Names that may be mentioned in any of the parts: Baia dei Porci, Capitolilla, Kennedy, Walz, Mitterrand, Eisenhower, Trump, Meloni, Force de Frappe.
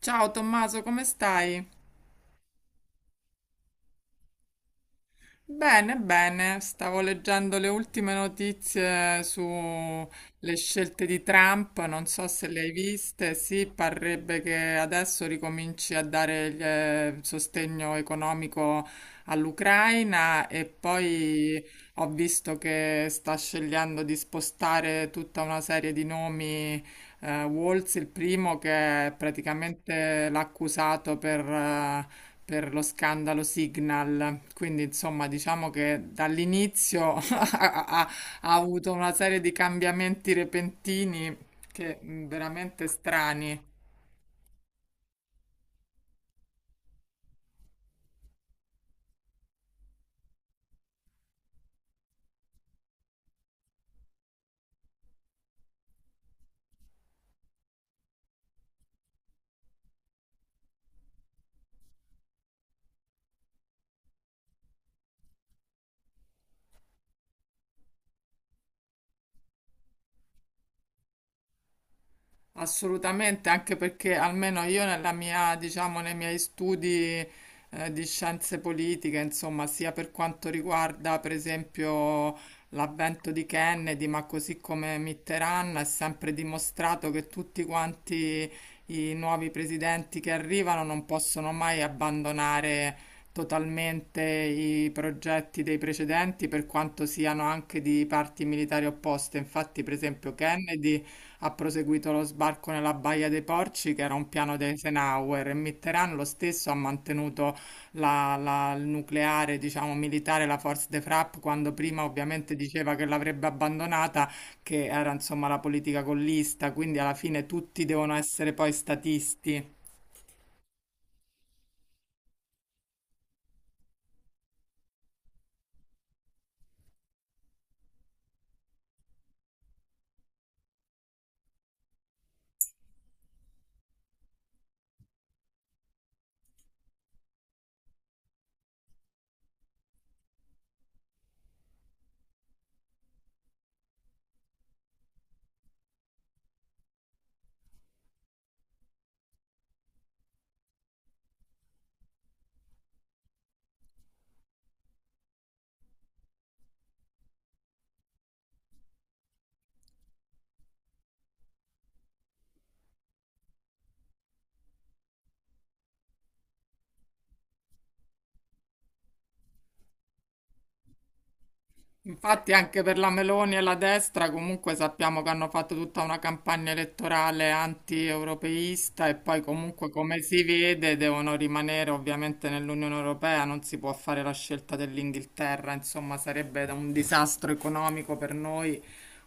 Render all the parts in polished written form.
Ciao Tommaso, come stai? Bene, stavo leggendo le ultime notizie sulle scelte di Trump, non so se le hai viste, sì, parrebbe che adesso ricominci a dare il sostegno economico all'Ucraina e poi ho visto che sta scegliendo di spostare tutta una serie di nomi Walz, il primo che praticamente l'ha accusato per lo scandalo Signal. Quindi, insomma, diciamo che dall'inizio ha- ha avuto una serie di cambiamenti repentini che veramente strani. Assolutamente, anche perché almeno io nella mia, diciamo, nei miei studi di scienze politiche, insomma, sia per quanto riguarda per esempio l'avvento di Kennedy, ma così come Mitterrand, è sempre dimostrato che tutti quanti i nuovi presidenti che arrivano non possono mai abbandonare totalmente i progetti dei precedenti, per quanto siano anche di parti militari opposte. Infatti, per esempio, Kennedy ha proseguito lo sbarco nella Baia dei Porci, che era un piano di Eisenhower, e Mitterrand lo stesso ha mantenuto il nucleare, diciamo, militare, la Force de Frappe, quando prima ovviamente diceva che l'avrebbe abbandonata, che era insomma la politica gollista, quindi alla fine tutti devono essere poi statisti. Infatti anche per la Meloni e la destra comunque sappiamo che hanno fatto tutta una campagna elettorale anti-europeista e poi comunque come si vede devono rimanere ovviamente nell'Unione Europea, non si può fare la scelta dell'Inghilterra, insomma sarebbe un disastro economico per noi,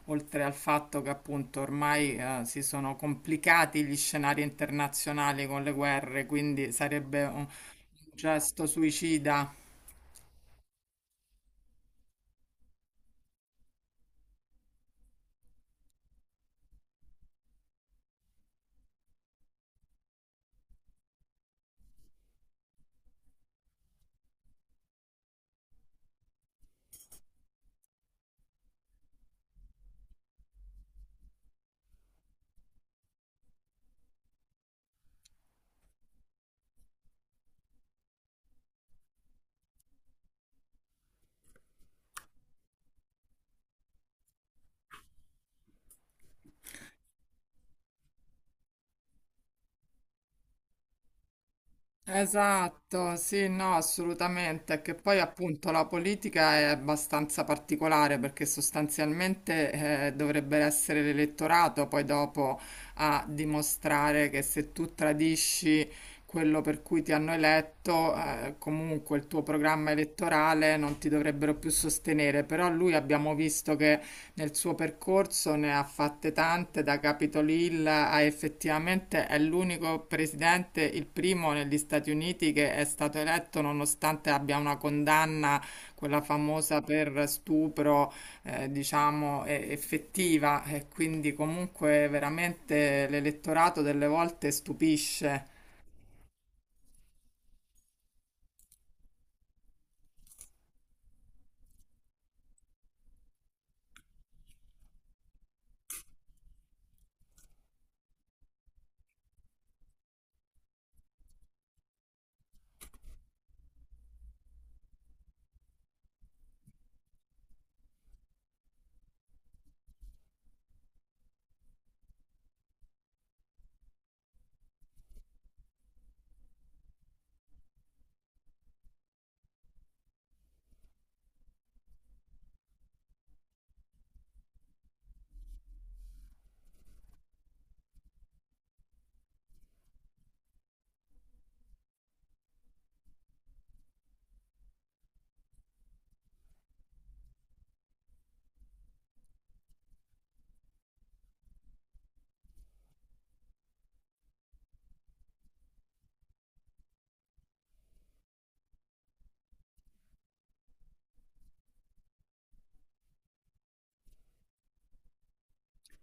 oltre al fatto che appunto ormai si sono complicati gli scenari internazionali con le guerre, quindi sarebbe un gesto suicida. Esatto, sì, no, assolutamente, che poi appunto la politica è abbastanza particolare perché sostanzialmente dovrebbe essere l'elettorato poi dopo a dimostrare che se tu tradisci quello per cui ti hanno eletto, comunque il tuo programma elettorale non ti dovrebbero più sostenere, però lui abbiamo visto che nel suo percorso ne ha fatte tante, da Capitolilla a effettivamente è l'unico presidente, il primo negli Stati Uniti che è stato eletto nonostante abbia una condanna, quella famosa per stupro, diciamo, effettiva e quindi comunque veramente l'elettorato delle volte stupisce.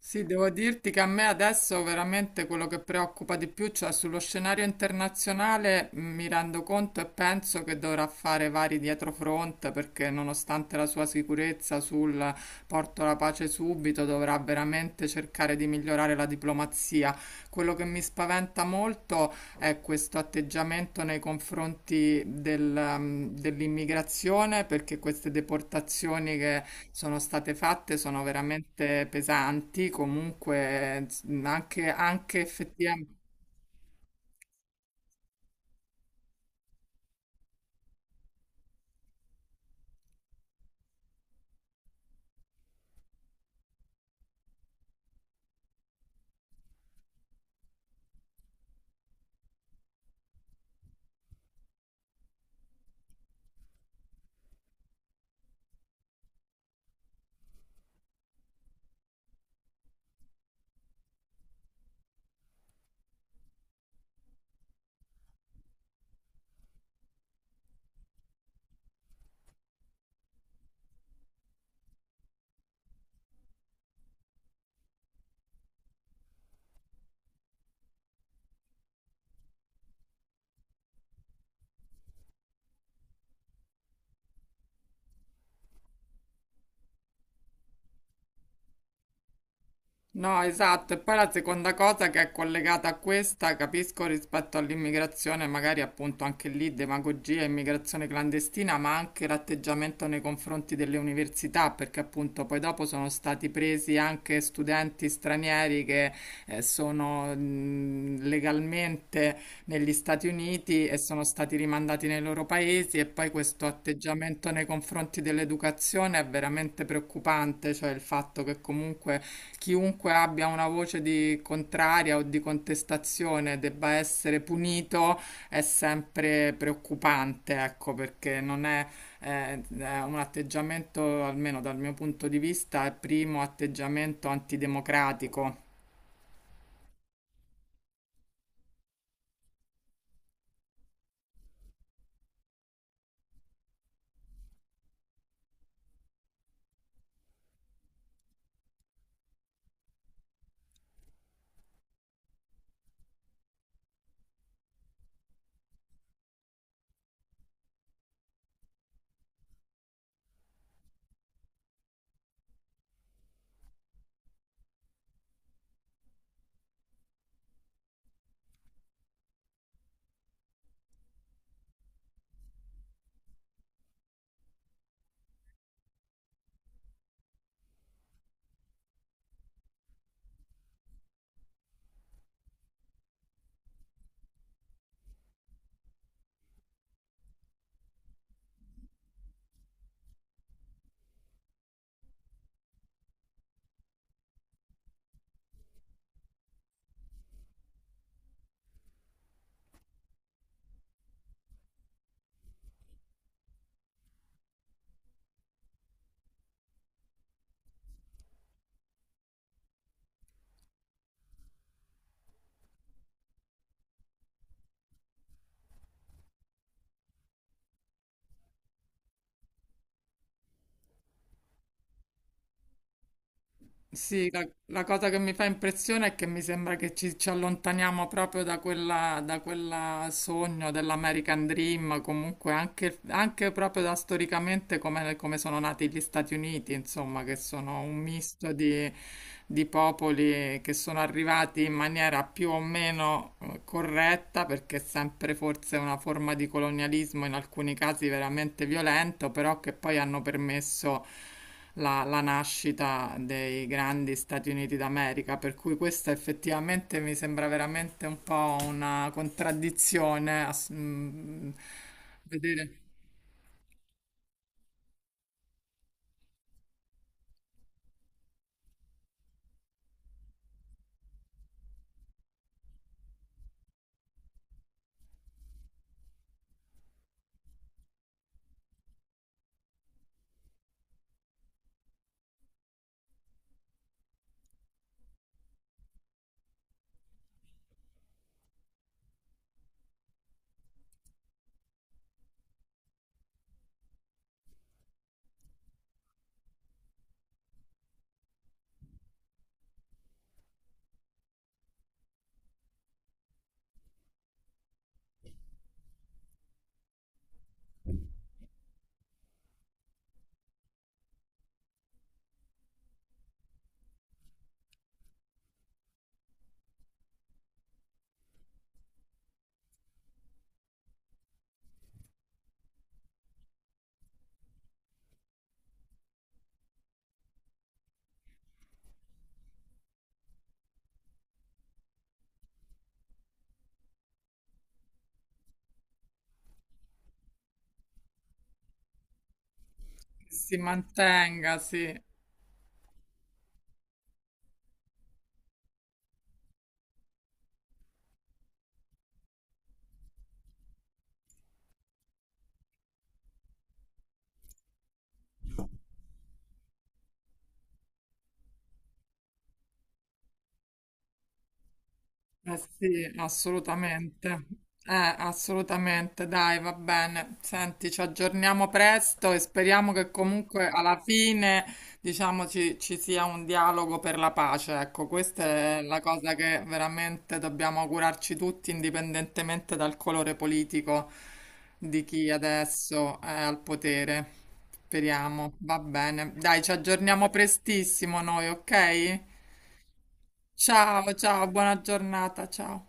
Sì, devo dirti che a me adesso veramente quello che preoccupa di più, cioè sullo scenario internazionale, mi rendo conto e penso che dovrà fare vari dietrofront perché nonostante la sua sicurezza sul porto la pace subito, dovrà veramente cercare di migliorare la diplomazia. Quello che mi spaventa molto è questo atteggiamento nei confronti dell'immigrazione, perché queste deportazioni che sono state fatte sono veramente pesanti, comunque anche, anche effettivamente. No, esatto, e poi la seconda cosa che è collegata a questa, capisco rispetto all'immigrazione, magari appunto anche lì demagogia, immigrazione clandestina, ma anche l'atteggiamento nei confronti delle università, perché appunto poi dopo sono stati presi anche studenti stranieri che sono legalmente negli Stati Uniti e sono stati rimandati nei loro paesi e poi questo atteggiamento nei confronti dell'educazione è veramente preoccupante, cioè il fatto che comunque chiunque abbia una voce di contraria o di contestazione debba essere punito è sempre preoccupante, ecco, perché non è, è un atteggiamento, almeno dal mio punto di vista, è primo atteggiamento antidemocratico. Sì, la cosa che mi fa impressione è che mi sembra che ci allontaniamo proprio da quella sogno dell'American Dream, comunque anche, anche proprio da storicamente come, come sono nati gli Stati Uniti, insomma, che sono un misto di popoli che sono arrivati in maniera più o meno corretta, perché è sempre forse una forma di colonialismo, in alcuni casi veramente violento, però che poi hanno permesso la nascita dei grandi Stati Uniti d'America, per cui questa effettivamente mi sembra veramente un po' una contraddizione, vedere che si mantenga, sì. Eh sì, assolutamente. Eh, assolutamente. Dai, va bene. Senti, ci aggiorniamo presto e speriamo che comunque alla fine, diciamo, ci sia un dialogo per la pace. Ecco, questa è la cosa che veramente dobbiamo augurarci tutti, indipendentemente dal colore politico di chi adesso è al potere. Speriamo. Va bene. Dai, ci aggiorniamo prestissimo noi, ok? Ciao, ciao, buona giornata, ciao.